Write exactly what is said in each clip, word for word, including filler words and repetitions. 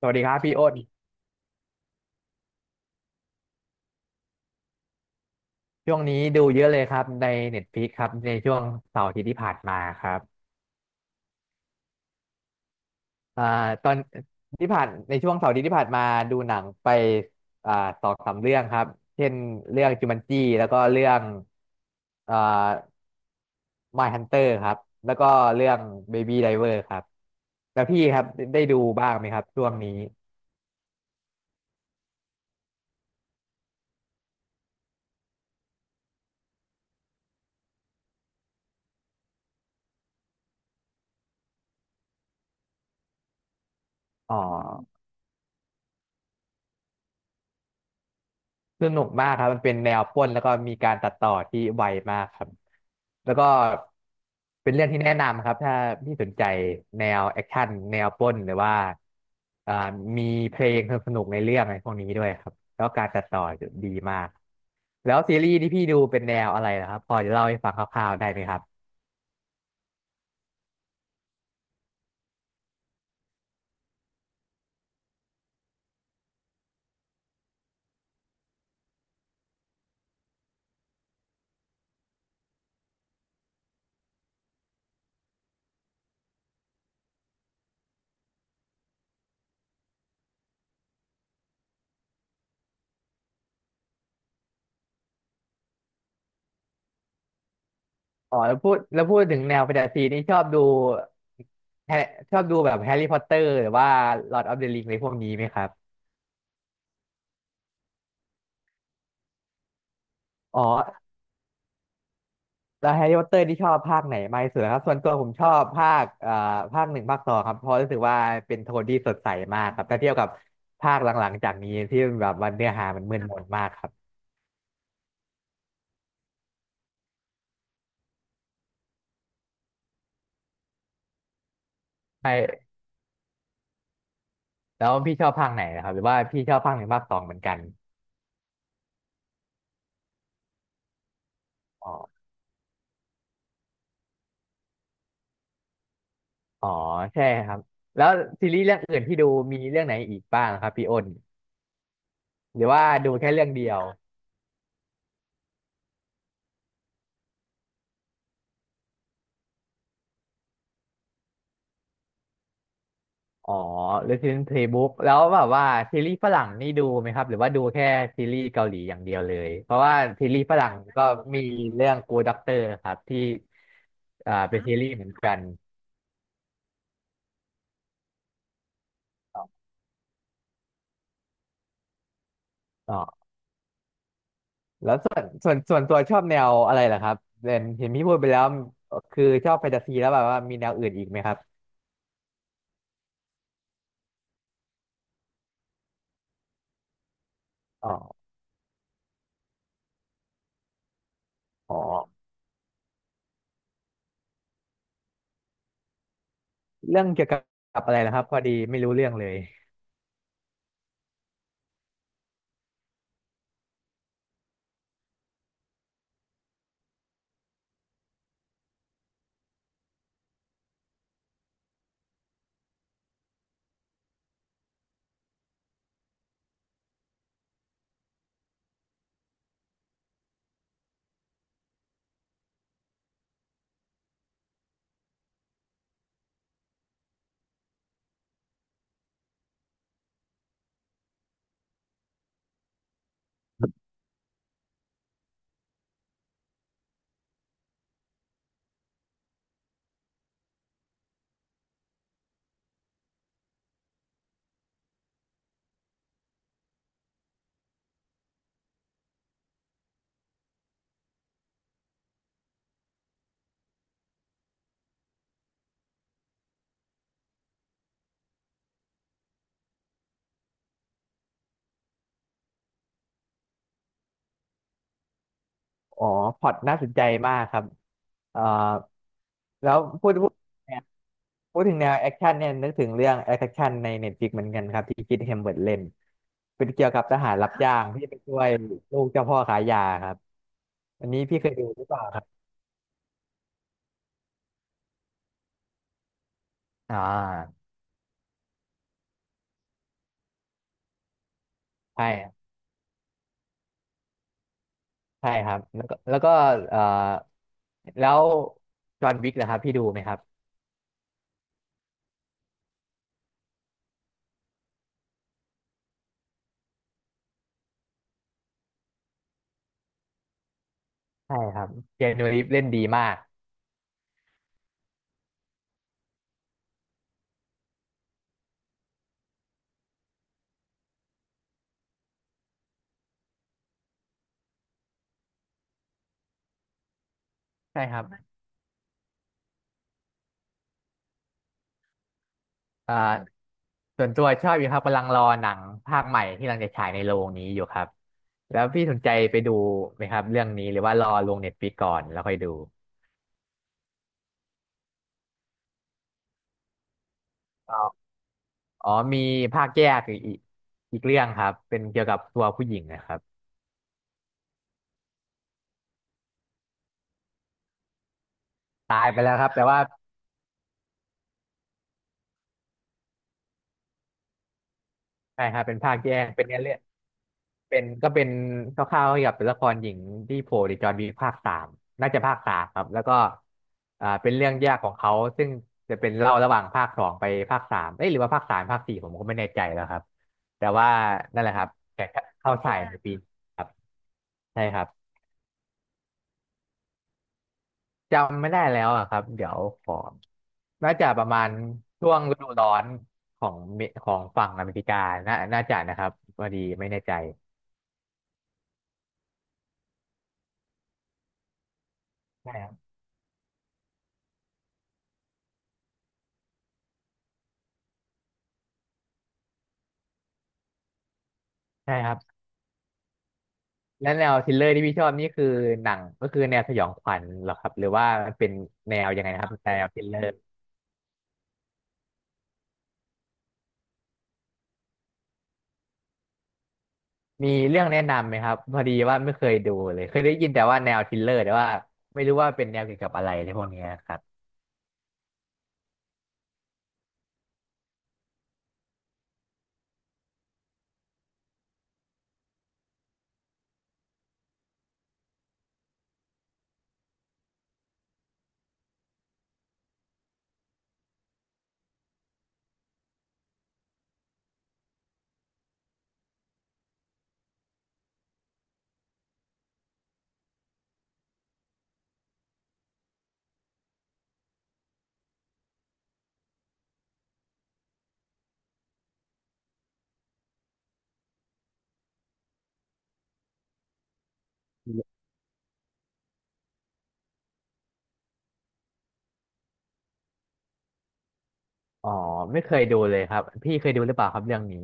สวัสดีครับพี่อ้นช่วงนี้ดูเยอะเลยครับใน Netflix ครับในช่วงเสาร์อาทิตย์ที่ผ่านมาครับอ่าตอนที่ผ่านในช่วงเสาร์อาทิตย์ที่ผ่านมาดูหนังไปอ่าสองสามเรื่องครับเช่นเรื่องจูมันจีแล้วก็เรื่องอ่า Mindhunter ครับแล้วก็เรื่องเบ a b y d เวอร์ครับแล้วพี่ครับได้ดูบ้างไหมครับช่วงนี้อ๋อ สนุกมากครับมันเป็นแนวปล้นแล้วก็มีการตัดต่อที่ไวมากครับแล้วก็เป็นเรื่องที่แนะนำครับถ้าพี่สนใจแนวแอคชั่นแนวปล้นหรือว่าอ่ามีเพลงสนุกๆในเรื่องอะไรพวกนี้ด้วยครับแล้วการตัดต่อดีมากแล้วซีรีส์ที่พี่ดูเป็นแนวอะไรนะครับพอจะเล่าให้ฟังคร่าวๆได้ไหมครับอ๋อแล้วพูดแล้วพูดถึงแนวแฟนตาซีนี่ชอบดูแฮชอบดูแบบแฮร์รี่พอตเตอร์หรือว่าลอร์ดออฟเดอะริงอะไรพวกนี้ไหมครับอ๋อ แล้วแฮร์รี่พอตเตอร์ที่ชอบภาคไหนมากที่สุดครับส่วนตัวผมชอบภาคเอ่อภาคหนึ่งภาคสองครับเพราะรู้สึกว่าเป็นโทนที่สดใสมากครับถ้าเทียบกับภาคหลังๆจากนี้ที่แบบวันเนื้อหามันมึนมนมากครับใช่แล้วพี่ชอบภาคไหนนะครับหรือว่าพี่ชอบภาคหนึ่งภาคสองเหมือนกันอ๋ออ๋อใช่ครับแล้วซีรีส์เรื่องอื่นที่ดูมีเรื่องไหนอีกบ้างครับพี่อ้นหรือว่าดูแค่เรื่องเดียว อ๋อ Resident Playbook แล้วแบบว่าซีรีส์ฝรั่งนี่ดูไหมครับหรือว่าดูแค่ซีรีส์เกาหลีอย่างเดียวเลยเพราะว่าซีรีส์ฝรั่งก็มีเรื่อง Good Doctor ครับที่อ่าเป็นซีรีส์เหมือนกันอ๋อแล้วส่วนส่วนส่วนตัวชอบแนวอะไรล่ะครับเห็นเห็นพี่พูดไปแล้วคือชอบแฟนตาซีแล้วแบบว่ามีแนวอื่นอีกไหมครับอ๋ออ๋อเรื่องเกี่ยวกับอะไรนะครับพอดีไม่รู้เรื่องเลย อ๋อพอร์ตน่าสนใจมากครับเอ่อแล้วพูดพูดเนี่ยพูดถึงแนวแอคชั่นเนี่ยนึกถึงเรื่องแอคชั่นในเน็ตฟลิกเหมือนกันครับที่คิดเฮมเบิร์ตเล่นเป็นเกี่ยวกับทหารรับจ้างที่ไปช่วยลูกเจ้าพ่อขายยาครับอันนี้พี่เคยดูหรือเปล่าครับอ่าใช่รใช่ครับแล้วก็แล้วก็เอ่อแล้วจอห์นวิกนะครับพี่ดูไหมครับใช่ครับเจนนูรีฟเล่นดีมากใช่ครับ อ่าส่วนตัวชอบอยู่ครับกำลังรอหนังภาคใหม่ที่กำลังจะฉายในโรงนี้อยู่ครับแล้วพี่สนใจไปดูไหมครับเรื่องนี้หรือว่ารอลงเน็ตฟลิกก่อนแล้วค่อยดูอ๋ออ๋อมีภาคแยกอีกอีกเรื่องครับเป็นเกี่ยวกับตัวผู้หญิงนะครับตายไปแล้วครับแต่ว่า ใช่ครับเป็นภาคแยกเป็นเนื้อเรื่องเป็นก็เป็นคร่าวๆเกี่ยวกับตัวละครหญิงที่โผล่ในจอห์นวิกภาคสามน่าจะภาคสามครับแล้วก็อ่าเป็นเรื่องแยกของเขาซึ่งจะเป็นเล่าระหว่างภาคสองไปภาคสามเอ้ยหรือว่าภาคสามภาคสี่ผมก็ไม่แน่ใจแล้วครับแต่ว่านั่นแหละครับแต่เข้าแฉายในปีนี้ครับใช่ครับจำไม่ได้แล้วอะครับเดี๋ยวขอน่าจะประมาณช่วงฤดูร้อนของเมของฝั่งอเมริกาน่าน่าจะนะครับพอดีไม่แน่ใจใช่ครับใช่ครับ แล้วแนวทริลเลอร์ที่พี่ชอบนี่คือหนังก็คือแนวสยองขวัญเหรอครับหรือว่ามันเป็นแนวยังไงนะครับแนวทริลเลอร์มีเรื่องแนะนำไหมครับพอดีว่าไม่เคยดูเลยเคยได้ยินแต่ว่าแนวทริลเลอร์แต่ว่าไม่รู้ว่าเป็นแนวเกี่ยวกับอะไรในพวกเนี้ยครับอ๋อไม่เคยดูเลยครับพี่เคยดูหรือเปล่าครับเรื่องนี้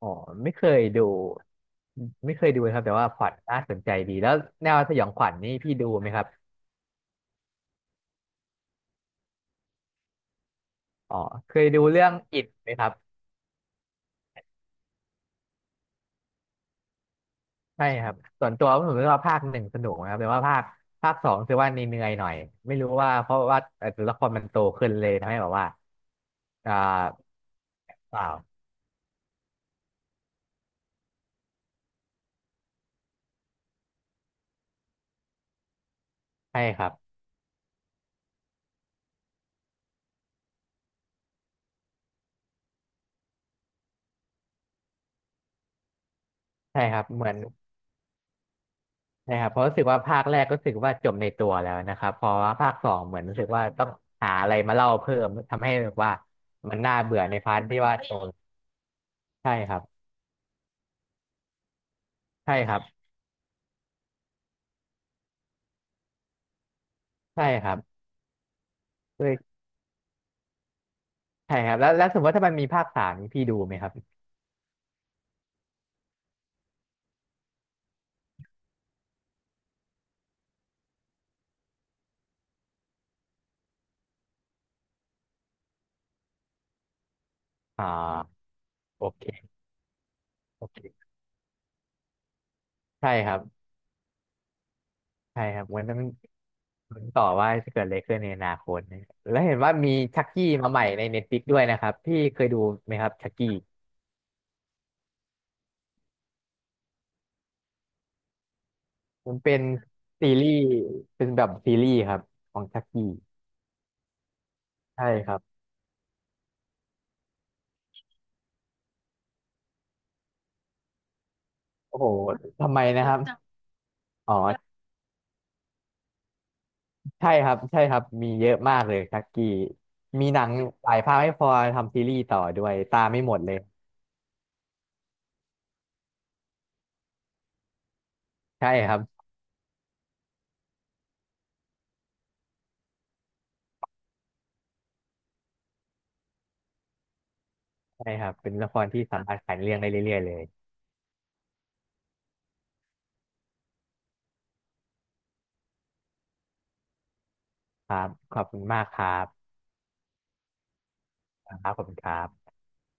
อ๋อไม่เคยดูไม่เคยดูเลยครับแต่ว่าพล็อตน่าสนใจดีแล้วแนวสยองขวัญนี่พี่ดูไหมครับอ๋อเคยดูเรื่องอิดไหมครับ ใช่ครับส่วนตัวผมรู้สึกว่าภาคหนึ่งสนุกนะครับแต่ว่าภาคภาคสองคือว่าเหนื่อยๆหน่อยไม่รู้ว่าเพราะว่าเอ่อตัวละครมันโตขึ้นเลยทำให้แบบว่าอ่าเปล่าใช่ครับใช่ครับเหมือนใช่ครับเพราะรู้สึกว่าภาคแรกก็รู้สึกว่าจบในตัวแล้วนะครับพอว่าภาคสองเหมือนรู้สึกว่าต้องหาอะไรมาเล่าเพิ่มทำให้แบบว่ามันน่าเบื่อในพาร์ทที่ว่าโตใช่ครับใช่ครับใช่ครับด้วยใช่ครับแล้วแล้วสมมติว่าถ้ามันมีภาคสามนี่พี่ดูไหมครับอ่าโอเคโอเคใช่ครับ ใช่ครับมันต้องลุ้นต่อว่าจะเกิดอะไรขึ้นในอนาคตนะแล้วเห็นว่ามีชักกี้มาใหม่ในเน็ตฟลิกด้วยนะครับพี่เคยดูไหมครับชักกี้มันเป็นซีรีส์เป็นแบบซีรีส์ครับของชักกี้ใช่ครับโอ้โหทำไมนะครับอ๋อใช่ครับใช่ครับมีเยอะมากเลยชักกี้มีหนังหลายภาคไม่พอทำซีรีส์ต่อด้วยตามไม่หมดเลยใช่ครับใช่ครับเป็นละครที่สามารถขายเรื่องได้เรื่อยๆเลยครับขอบคุณมากครับครับขอบคุณครับ